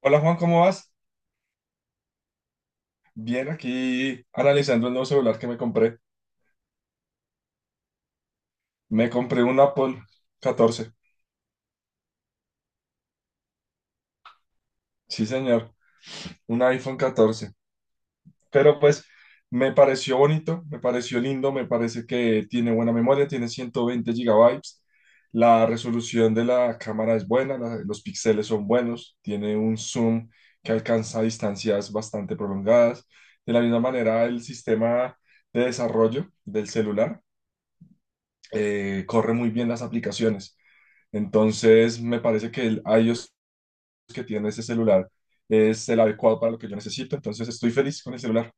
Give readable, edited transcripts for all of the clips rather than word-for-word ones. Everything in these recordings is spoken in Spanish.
Hola Juan, ¿cómo vas? Bien, aquí analizando el nuevo celular que me compré. Me compré un Apple 14. Sí, señor, un iPhone 14. Pero pues me pareció bonito, me pareció lindo, me parece que tiene buena memoria, tiene 120 gigabytes. La resolución de la cámara es buena, los píxeles son buenos, tiene un zoom que alcanza distancias bastante prolongadas. De la misma manera, el sistema de desarrollo del celular corre muy bien las aplicaciones. Entonces, me parece que el iOS que tiene ese celular es el adecuado para lo que yo necesito. Entonces, estoy feliz con el celular.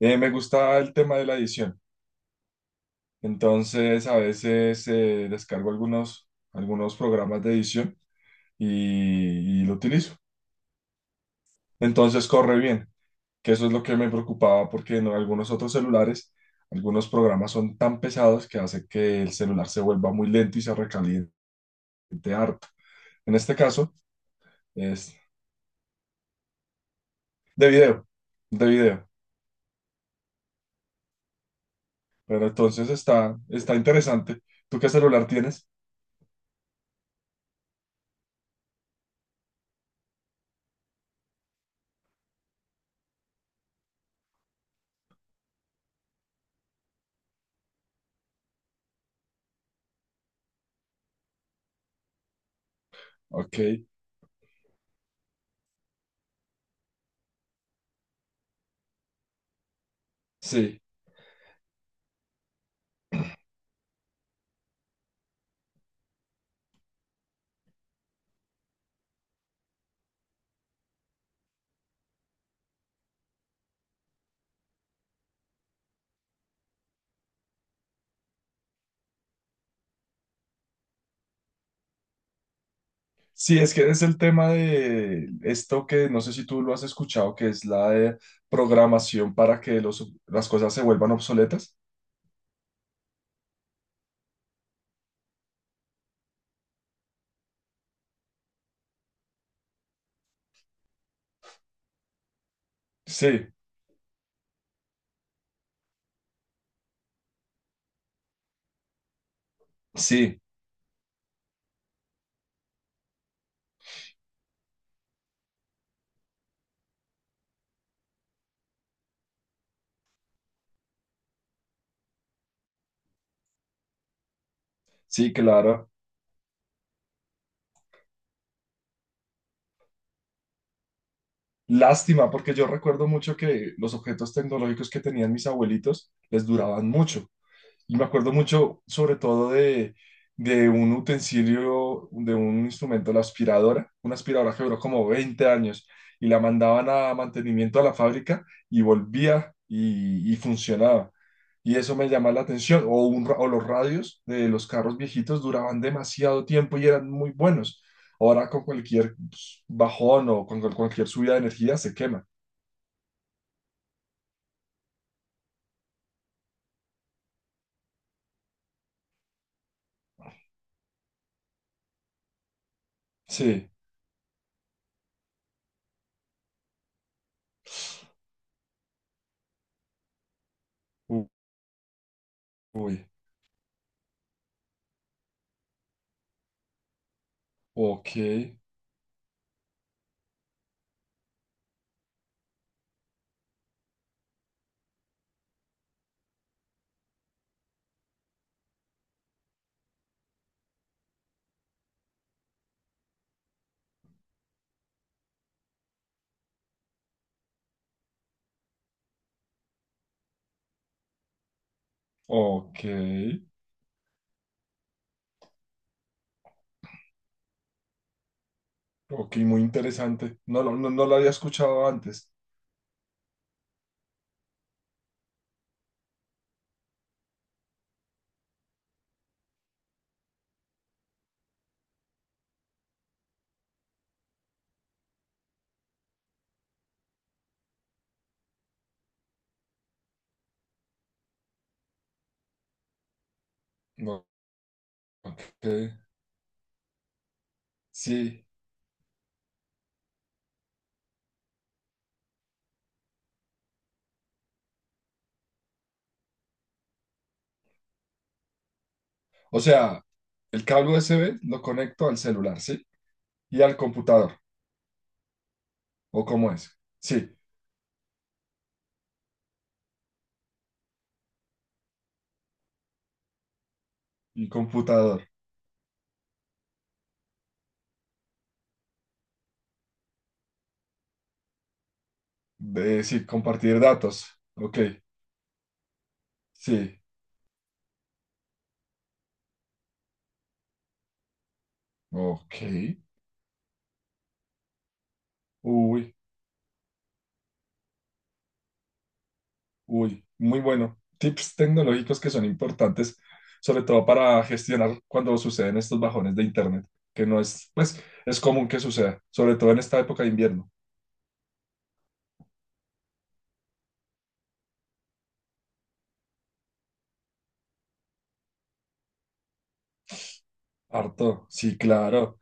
Me gusta el tema de la edición. Entonces, a veces descargo algunos programas de edición y lo utilizo. Entonces, corre bien, que eso es lo que me preocupaba porque en algunos otros celulares, algunos programas son tan pesados que hace que el celular se vuelva muy lento y se recaliente harto. En este caso, es de video, de video. Pero entonces está interesante. ¿Tú qué celular tienes? Ok, sí. Sí, es que es el tema de esto que no sé si tú lo has escuchado, que es la de programación para que las cosas se vuelvan obsoletas. Sí, sí, sí, claro. Lástima, porque yo recuerdo mucho que los objetos tecnológicos que tenían mis abuelitos les duraban mucho. Y me acuerdo mucho, sobre todo, de un utensilio, de un instrumento, la aspiradora, una aspiradora que duró como 20 años y la mandaban a mantenimiento a la fábrica y volvía y funcionaba. Y eso me llama la atención. O, o los radios de los carros viejitos duraban demasiado tiempo y eran muy buenos. Ahora con cualquier pues, bajón o con cualquier subida de energía se quema. Sí. U- Uy. Ok. Ok. Ok, muy interesante. No, no lo había escuchado antes. No, ok. Sí. O sea, el cable USB lo conecto al celular, ¿sí? Y al computador. ¿O cómo es? Sí. Y computador. De, sí, compartir datos. Ok. Sí. Ok. Uy, uy. Muy bueno. Tips tecnológicos que son importantes, sobre todo para gestionar cuando suceden estos bajones de internet, que no es, pues, es común que suceda, sobre todo en esta época de invierno. Harto, sí, claro.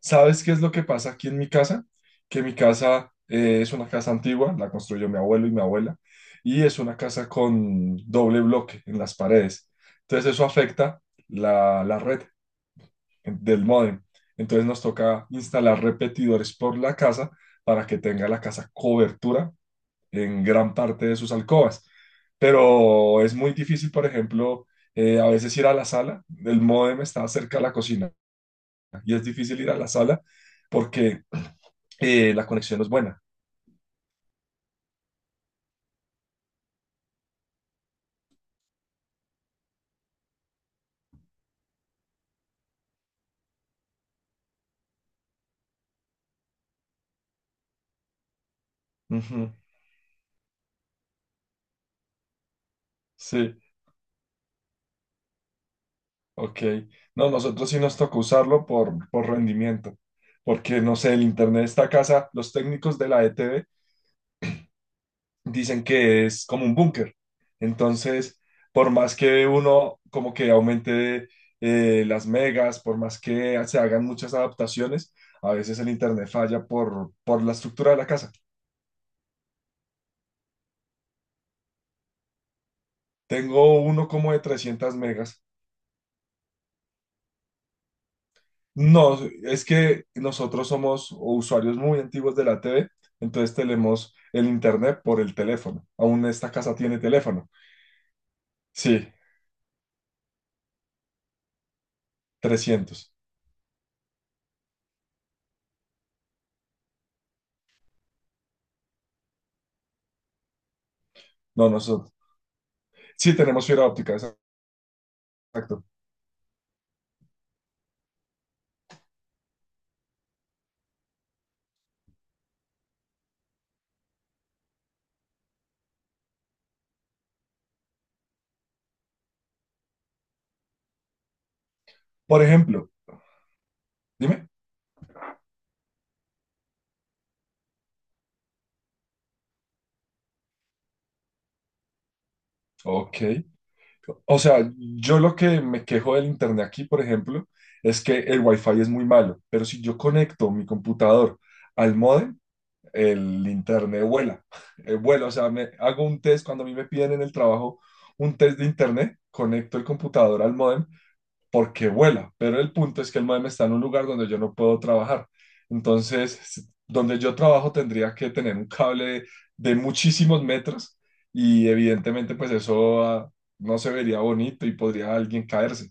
¿Sabes qué es lo que pasa aquí en mi casa? Que mi casa es una casa antigua, la construyó mi abuelo y mi abuela, y es una casa con doble bloque en las paredes. Entonces eso afecta la red del módem. Entonces nos toca instalar repetidores por la casa para que tenga la casa cobertura en gran parte de sus alcobas. Pero es muy difícil, por ejemplo, a veces ir a la sala, el módem está cerca de la cocina. Y es difícil ir a la sala porque la conexión no es buena. Ujú, sí, ok. No, nosotros sí nos tocó usarlo por rendimiento, porque no sé, el internet de esta casa, los técnicos de la ETV dicen que es como un búnker. Entonces, por más que uno como que aumente las megas, por más que se hagan muchas adaptaciones, a veces el internet falla por la estructura de la casa. Tengo uno como de 300 megas. No, es que nosotros somos usuarios muy antiguos de la TV, entonces tenemos el internet por el teléfono. Aún esta casa tiene teléfono. Sí, 300. No, nosotros. Sí, tenemos fibra óptica, exacto. Por ejemplo, dime. Ok. O sea, yo lo que me quejo del internet aquí, por ejemplo, es que el wifi es muy malo, pero si yo conecto mi computador al módem, el internet vuela, vuela, o sea, me hago un test cuando a mí me piden en el trabajo un test de internet, conecto el computador al modem porque vuela, pero el punto es que el modem está en un lugar donde yo no puedo trabajar. Entonces, donde yo trabajo tendría que tener un cable de muchísimos metros y evidentemente pues eso ah, no se vería bonito y podría alguien caerse.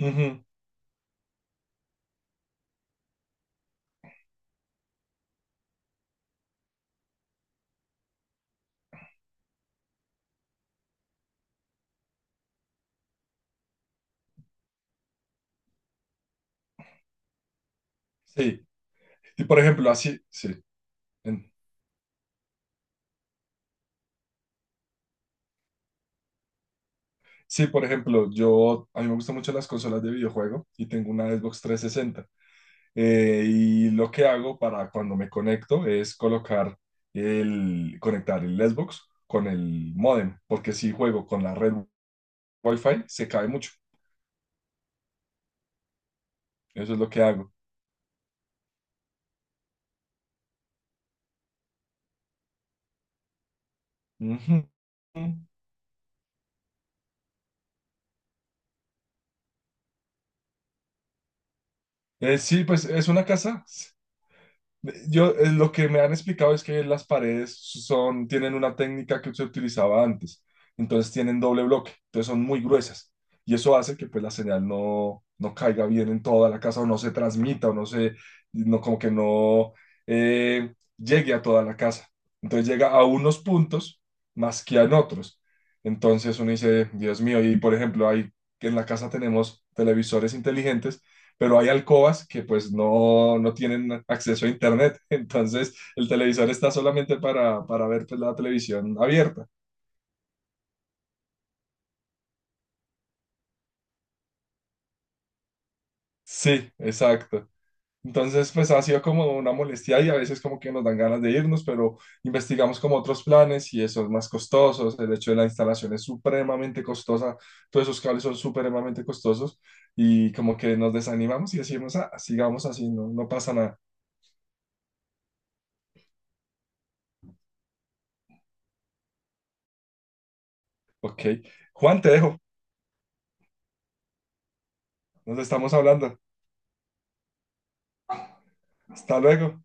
Ujú, sí, y por ejemplo así, sí. Sí, por ejemplo, yo, a mí me gustan mucho las consolas de videojuego y tengo una Xbox 360. Y lo que hago para cuando me conecto es colocar conectar el Xbox con el módem, porque si juego con la red Wi-Fi se cae mucho. Eso es lo que hago. Ujú. Sí, pues es una casa. Yo, lo que me han explicado es que las paredes son, tienen una técnica que se utilizaba antes, entonces tienen doble bloque, entonces son muy gruesas y eso hace que pues la señal no caiga bien en toda la casa o no se transmita o no, como que no llegue a toda la casa. Entonces llega a unos puntos más que a en otros. Entonces uno dice, Dios mío, y por ejemplo, ahí en la casa tenemos televisores inteligentes pero hay alcobas que pues no tienen acceso a internet, entonces el televisor está solamente para ver pues, la televisión abierta. Sí, exacto. Entonces, pues ha sido como una molestia y a veces como que nos dan ganas de irnos, pero investigamos como otros planes y eso es más costoso. El hecho de la instalación es supremamente costosa, todos esos cables son supremamente costosos y como que nos desanimamos y decimos, ah, sigamos así, no, no pasa nada. Ok, Juan, te dejo, nos estamos hablando. Hasta luego.